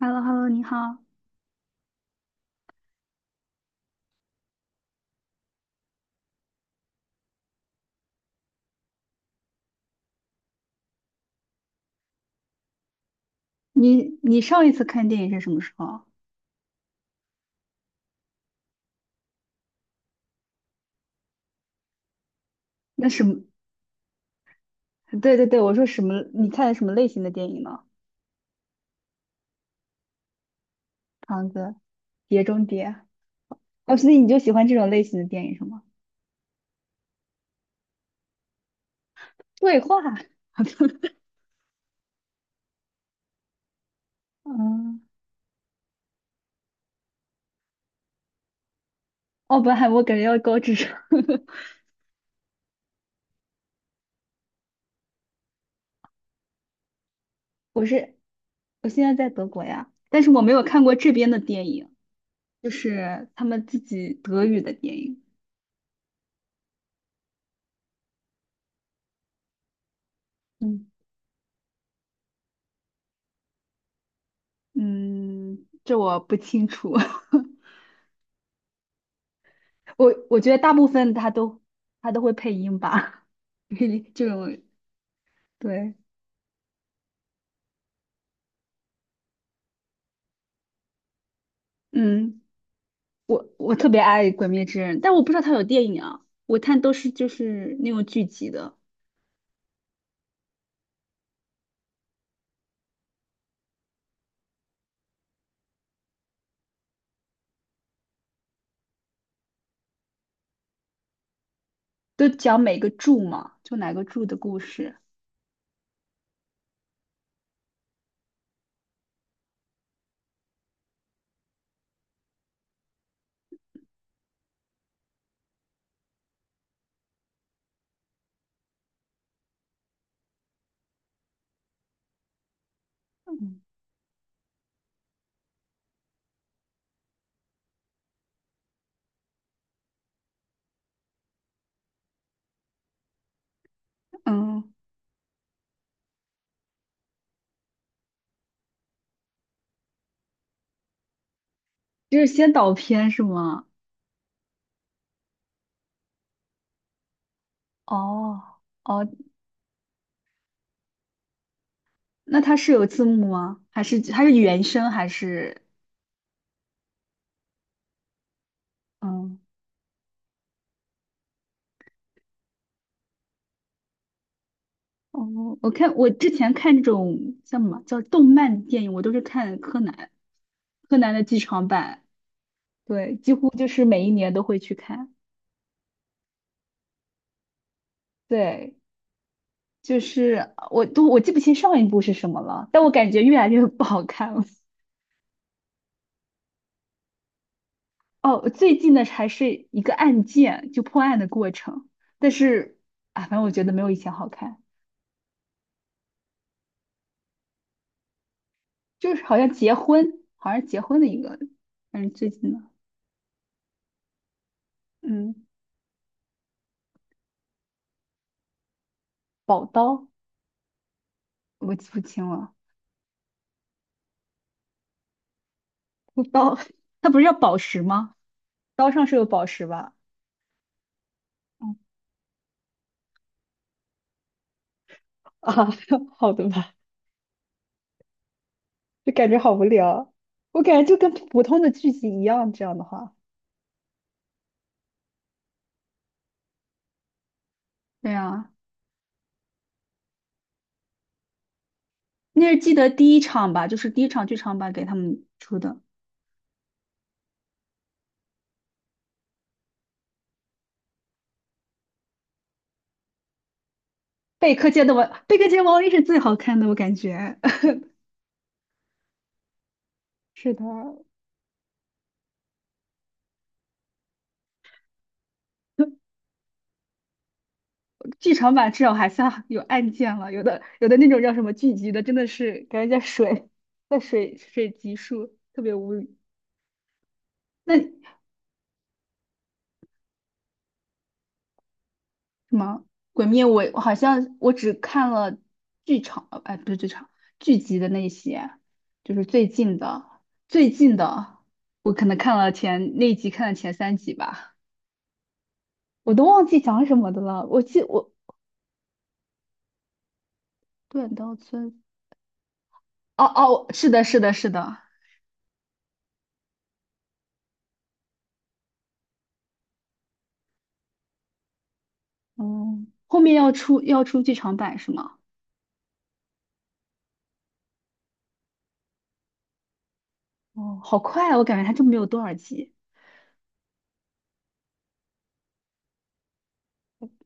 h e l l o h e l l o 你好。你上一次看电影是什么时候？那什么？对对对，我说什么？你看什么类型的电影呢？胖子、碟中谍。哦，所以你就喜欢这种类型的电影是吗？对话。嗯，哦，不海默感觉要高智商。我是我现在在德国呀，但是我没有看过这边的电影，就是他们自己德语的电影。嗯嗯，这我不清楚。我觉得大部分他都会配音吧，这种对，嗯，我特别爱《鬼灭之刃》，但我不知道他有电影啊，我看都是就是那种剧集的，都讲每个柱嘛，就哪个柱的故事，嗯嗯，就是先导片是吗？哦哦，那它是有字幕吗？还是它是原声还是嗯？哦，我之前看那种像什么叫动漫电影，我都是看柯南。柯南的剧场版，对，几乎就是每一年都会去看。对，就是我记不清上一部是什么了，但我感觉越来越不好看了。哦，最近的还是一个案件，就破案的过程，但是啊，反正我觉得没有以前好看，就是好像结婚，好像结婚的一个，反正最近的，嗯，宝刀我记不清了，刀，它不是叫宝石吗？刀上是有宝石吧？嗯啊，好的吧。就感觉好无聊。我感觉就跟普通的剧集一样，这样的话，对啊，那是记得第一场吧，就是第一场剧场版给他们出的《贝克街的王》，《贝克街王一》是最好看的，我感觉 是的，剧场版至少还算有案件了，有的有的那种叫什么剧集的，真的是感觉在水，水集数，特别无语。那什么《鬼灭》我，我好像我只看了剧场，不是剧场，剧集的那些，就是最近的，最近的，我可能看了前那一集，看了前三集吧，我都忘记讲什么的了。我记我断刀村，哦哦，是的，是的，是的，嗯，后面要出剧场版是吗？哦，好快啊，我感觉它就没有多少集。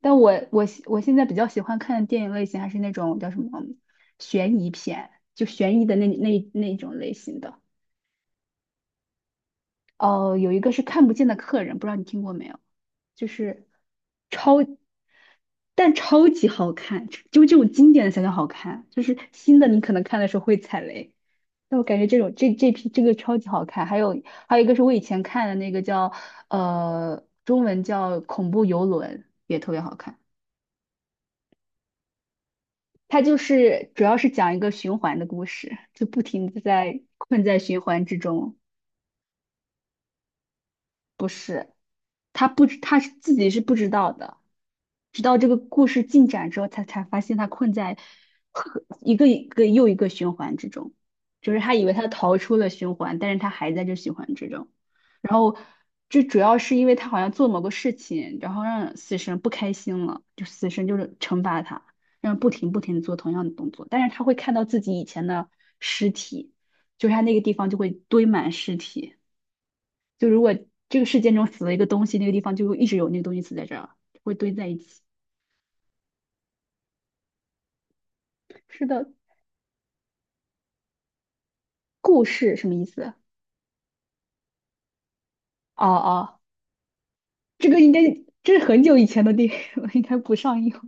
我现在比较喜欢看的电影类型还是那种叫什么悬疑片，就悬疑的那种类型的。哦、有一个是看不见的客人，不知道你听过没有？就是但超级好看，就这种经典的才叫好看，就是新的你可能看的时候会踩雷。但我感觉这种这这批这个超级好看，还有还有一个是我以前看的那个叫中文叫恐怖游轮，也特别好看。它就是主要是讲一个循环的故事，就不停的在困在循环之中，不是。他不知，他是自己是不知道的，直到这个故事进展之后，他才发现他困在一个又一个循环之中，就是他以为他逃出了循环，但是他还在这循环之中。然后这主要是因为他好像做某个事情，然后让死神不开心了，就死神就是惩罚他，让他不停的做同样的动作，但是他会看到自己以前的尸体，就是他那个地方就会堆满尸体。就如果这个事件中死了一个东西，那个地方就会一直有那个东西死在这儿，会堆在一起。是的，故事什么意思？哦哦，这个应该这是很久以前的电影了，应该不上映了。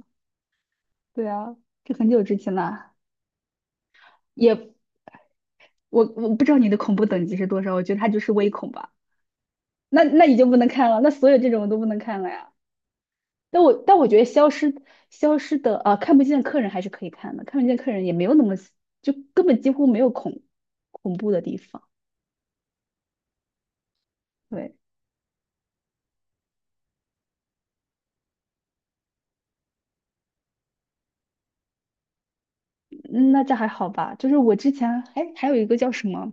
对啊，这很久之前了，也我不知道你的恐怖等级是多少，我觉得它就是微恐吧。那那已经不能看了，那所有这种都不能看了呀。但我觉得消失消失的啊，看不见的客人还是可以看的，看不见客人也没有那么就根本几乎没有恐怖的地方。对，嗯那这还好吧。就是我之前还有一个叫什么，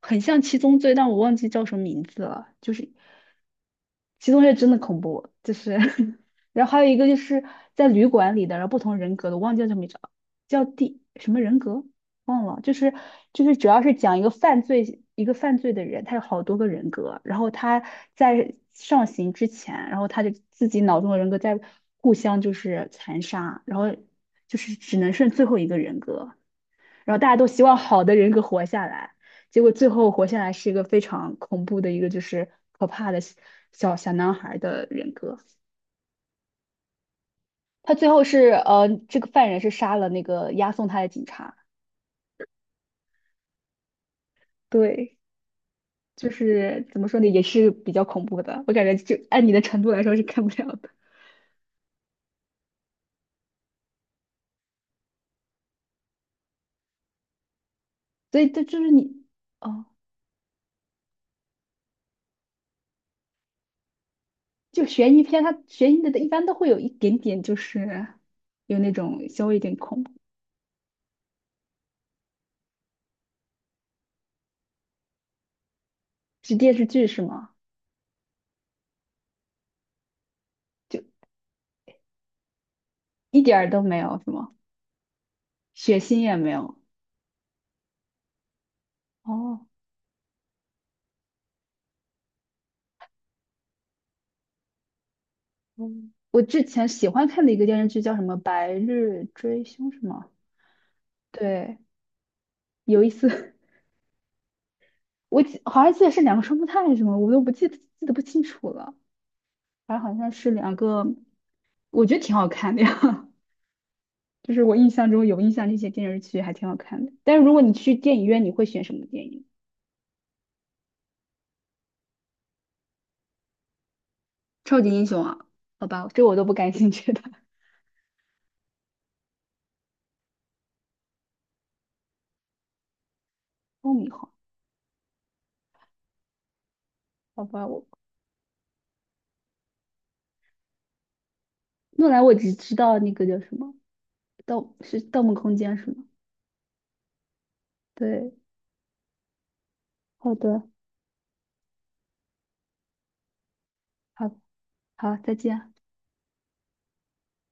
很像七宗罪，但我忘记叫什么名字了。就是七宗罪真的恐怖，就是 然后还有一个就是在旅馆里的，然后不同人格的，我忘记叫什么名字了，叫第什么人格忘了，就是主要是讲一个犯罪的人，他有好多个人格，然后他在上刑之前，然后他就自己脑中的人格在互相就是残杀，然后就是只能剩最后一个人格，然后大家都希望好的人格活下来，结果最后活下来是一个非常恐怖的一个就是可怕的小男孩的人格。他最后是这个犯人是杀了那个押送他的警察。对，就是怎么说呢，也是比较恐怖的。我感觉就按你的程度来说是看不了的。所以这就是你哦，就悬疑片，它悬疑的一般都会有一点点就是有那种稍微有点恐怖。是电视剧是吗？就一点儿都没有是吗？血腥也没有。哦，嗯，我之前喜欢看的一个电视剧叫什么《白日追凶》是吗？对，有一次 我记好像记得是两个双胞胎还是什么，我都不记得不清楚了。反正好像是两个，我觉得挺好看的呀。就是我印象中有印象那些电视剧还挺好看的。但是如果你去电影院，你会选什么电影？超级英雄啊？好吧，这我都不感兴趣的。爆米花？好吧，我诺兰我只知道那个叫什么《盗》是《盗梦空间》是吗？对。好的，好，好，再见。